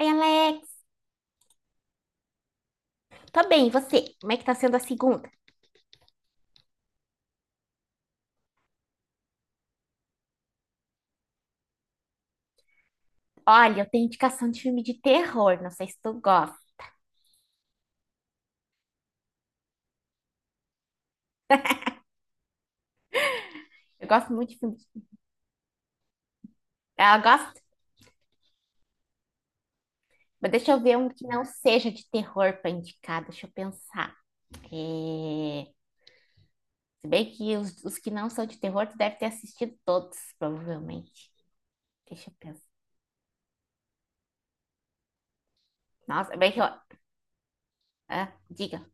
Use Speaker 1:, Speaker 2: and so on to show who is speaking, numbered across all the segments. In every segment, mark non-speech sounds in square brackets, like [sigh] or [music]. Speaker 1: Oi, Alex. Tô bem, e você? Como é que tá sendo a segunda? Olha, eu tenho indicação de filme de terror, não sei se tu gosta. Eu gosto muito de filme de... Ah, gosto, mas deixa eu ver um que não seja de terror pra indicar, deixa eu pensar. É... Se bem que os que não são de terror, tu deve ter assistido todos, provavelmente. Deixa eu pensar. Nossa, é bem que eu... Ah, diga.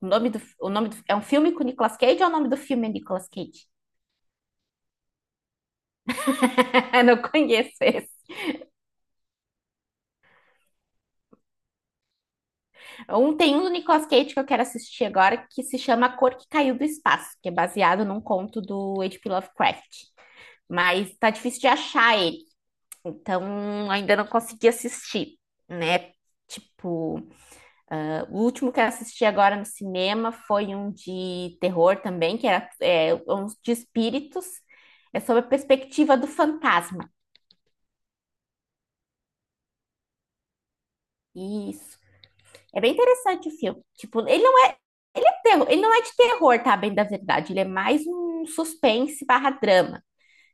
Speaker 1: É um filme com o Nicolas Cage ou é o nome do filme é Nicolas Cage? [laughs] Não conheço esse. Um tem um do Nicolas Cage que eu quero assistir agora, que se chama A Cor que Caiu do Espaço, que é baseado num conto do H.P. Lovecraft. Mas tá difícil de achar ele, então ainda não consegui assistir, né? Tipo, ah, o último que eu assisti agora no cinema foi um de terror também, que era um de espíritos, é sobre a perspectiva do fantasma. Isso. É bem interessante o filme. Tipo, ele terror. Ele não é de terror, tá? Bem da verdade. Ele é mais um suspense barra drama.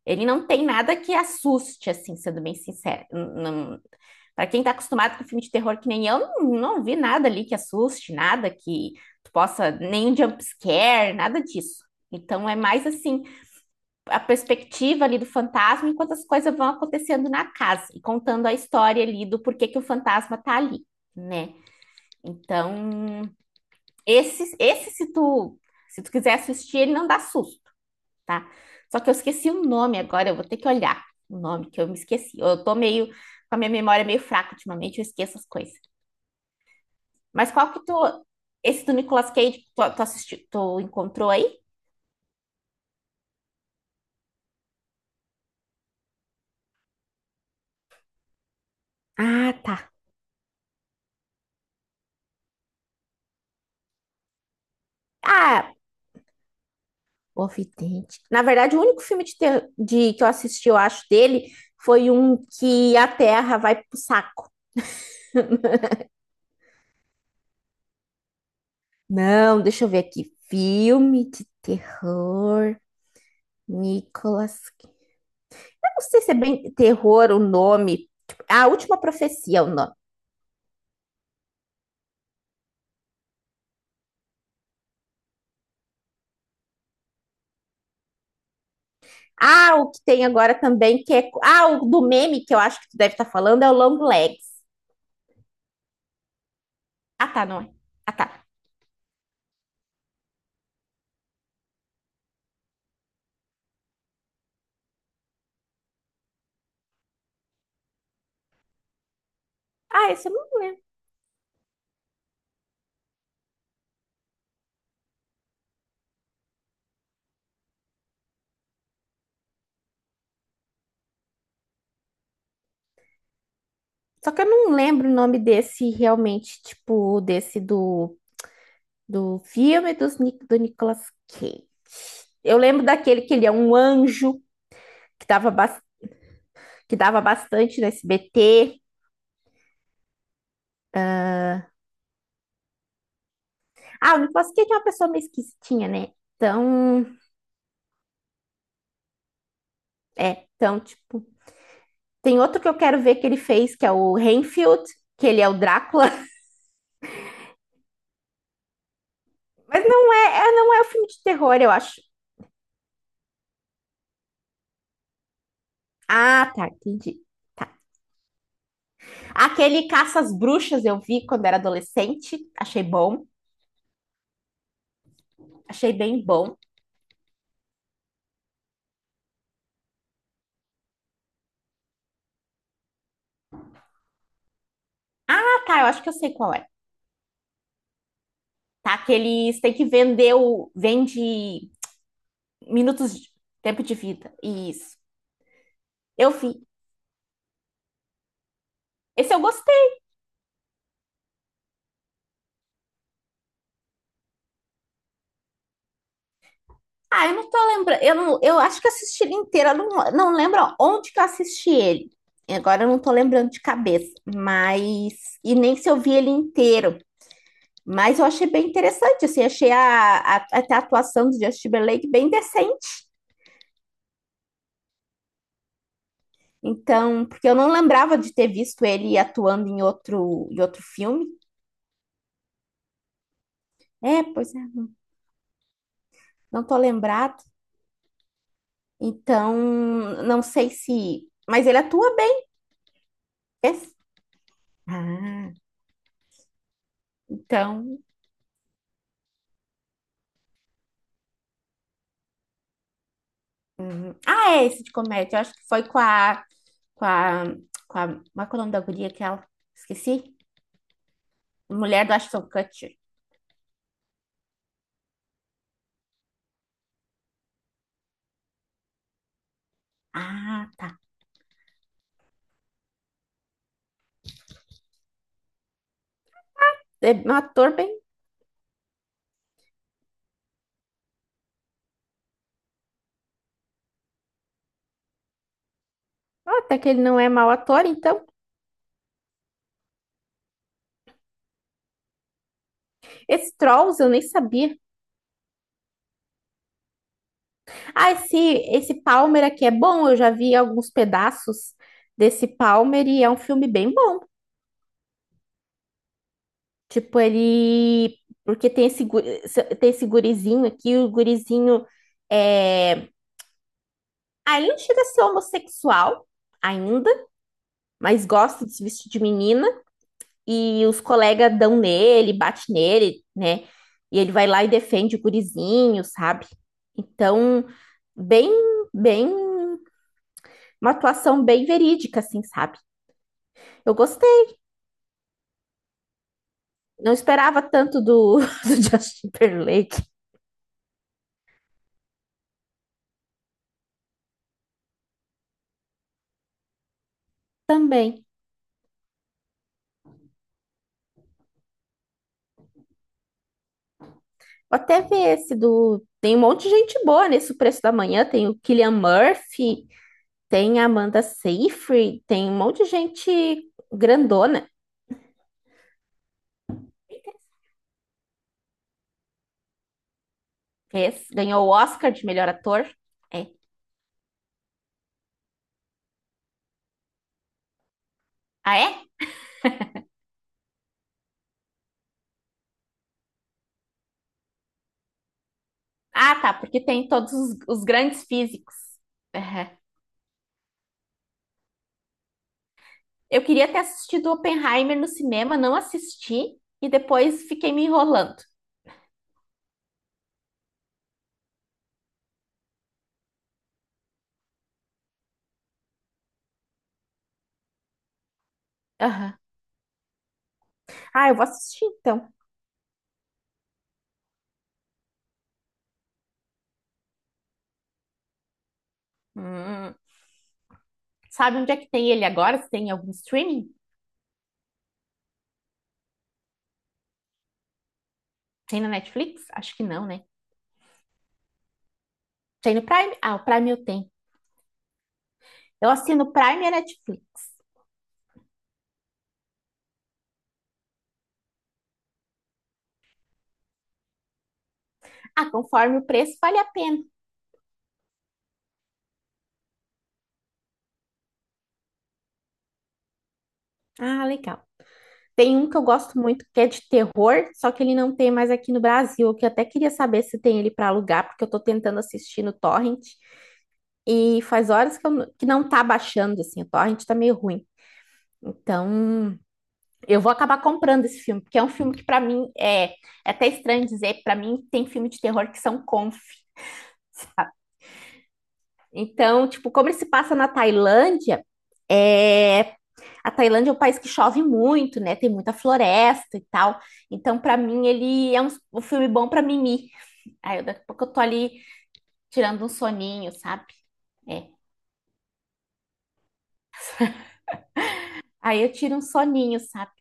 Speaker 1: Ele não tem nada que assuste, assim, sendo bem sincero. Para quem tá acostumado com filme de terror, que nem eu, não vi nada ali que assuste, nada que tu possa, nem um jump scare, nada disso. Então é mais assim, a perspectiva ali do fantasma enquanto as coisas vão acontecendo na casa e contando a história ali do porquê que o fantasma tá ali, né? Então, esse se tu, se tu quiser assistir, ele não dá susto, tá? Só que eu esqueci o nome agora, eu vou ter que olhar o nome que eu me esqueci. Eu tô meio com a minha memória meio fraca ultimamente, eu esqueço as coisas. Mas qual que tu esse do Nicolas Cage tu assistiu, tu encontrou aí? Ah, tá. Ah, O Vidente. Na verdade, o único filme que eu assisti, eu acho, dele foi um que a Terra vai pro saco. Não, deixa eu ver aqui. Filme de terror. Nicolas. Eu não sei se é bem terror o nome. Tipo, a Última Profecia é o nome. Ah, o que tem agora também, que é. Ah, o do meme que eu acho que tu deve estar falando é o Long Legs. Ah, tá, não é? Ah, tá. Ah, esse eu não lembro. Só que eu não lembro o nome desse realmente, tipo, do filme do Nicolas Cage. Eu lembro daquele que ele é um anjo, que dava, bas- que dava bastante no SBT. Ah, o Nicolas Cage é uma pessoa meio esquisitinha, né? Então. É, então, tipo, tem outro que eu quero ver que ele fez, que é o Renfield, que ele é o Drácula. [laughs] Não é o filme de terror, eu acho. Ah, tá, entendi. Tá. Aquele Caça às Bruxas eu vi quando era adolescente, achei bom, achei bem bom. Ah, tá, eu acho que eu sei qual é. Tá, que eles têm que vender o vende minutos de tempo de vida. Isso. Eu vi. Esse eu gostei. Ah, eu não tô lembrando. Eu, não, eu acho que eu assisti ele inteiro. Eu não, não lembro onde que eu assisti ele. Agora eu não tô lembrando de cabeça. Mas. E nem se eu vi ele inteiro. Mas eu achei bem interessante. Assim, achei até a atuação do Justin Timberlake bem decente. Então, porque eu não lembrava de ter visto ele atuando em outro filme. É, pois é, não tô lembrado. Então, não sei se. Mas ele atua bem, né? Ah, então. Uhum. Ah, é esse de comédia. Eu acho que foi com a, com a, qual é que é o nome da guria que ela, esqueci? Mulher do Ashton Kutcher. Ah, tá. É um ator bem. Ah, até que ele não é mau ator, então. Esse Trolls eu nem sabia. Ah, esse Palmer aqui é bom. Eu já vi alguns pedaços desse Palmer e é um filme bem bom. Tipo, ele. Porque tem esse gurizinho aqui, o gurizinho é. Ah, ele não chega a ser homossexual ainda, mas gosta de se vestir de menina e os colegas dão nele, bate nele, né? E ele vai lá e defende o gurizinho, sabe? Então, bem, bem, uma atuação bem verídica, assim, sabe? Eu gostei. Não esperava tanto do, [laughs] do Justin Timberlake também. Vou até ver esse do. Tem um monte de gente boa nesse O Preço da Manhã. Tem o Killian Murphy, tem a Amanda Seyfried, tem um monte de gente grandona. Fez. Ganhou o Oscar de melhor ator. É. Ah, é? Ah, tá, porque tem todos os grandes físicos. Aham. Eu queria ter assistido Oppenheimer no cinema, não assisti e depois fiquei me enrolando. Aham. Ah, eu vou assistir então. Hum. Sabe onde é que tem ele agora? Se tem em algum streaming? Tem na Netflix? Acho que não, né? Tem no Prime? Ah, o Prime eu tenho. Eu assino o Prime e a Netflix. Ah, conforme o preço, vale a pena. Ah, legal. Tem um que eu gosto muito que é de terror, só que ele não tem mais aqui no Brasil, que eu até queria saber se tem ele para alugar, porque eu tô tentando assistir no Torrent e faz horas que, que não tá baixando, assim, o Torrent tá meio ruim. Então, eu vou acabar comprando esse filme, porque é um filme que para mim é até estranho dizer, para mim tem filme de terror que são conf. Então, tipo, como ele se passa na Tailândia, é A Tailândia é um país que chove muito, né? Tem muita floresta e tal. Então, pra mim, um filme bom pra mimir. Aí, daqui a pouco eu tô ali tirando um soninho, sabe? É. [laughs] Aí eu tiro um soninho, sabe?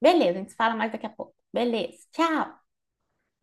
Speaker 1: Beleza, a gente fala mais daqui a pouco. Beleza, tchau.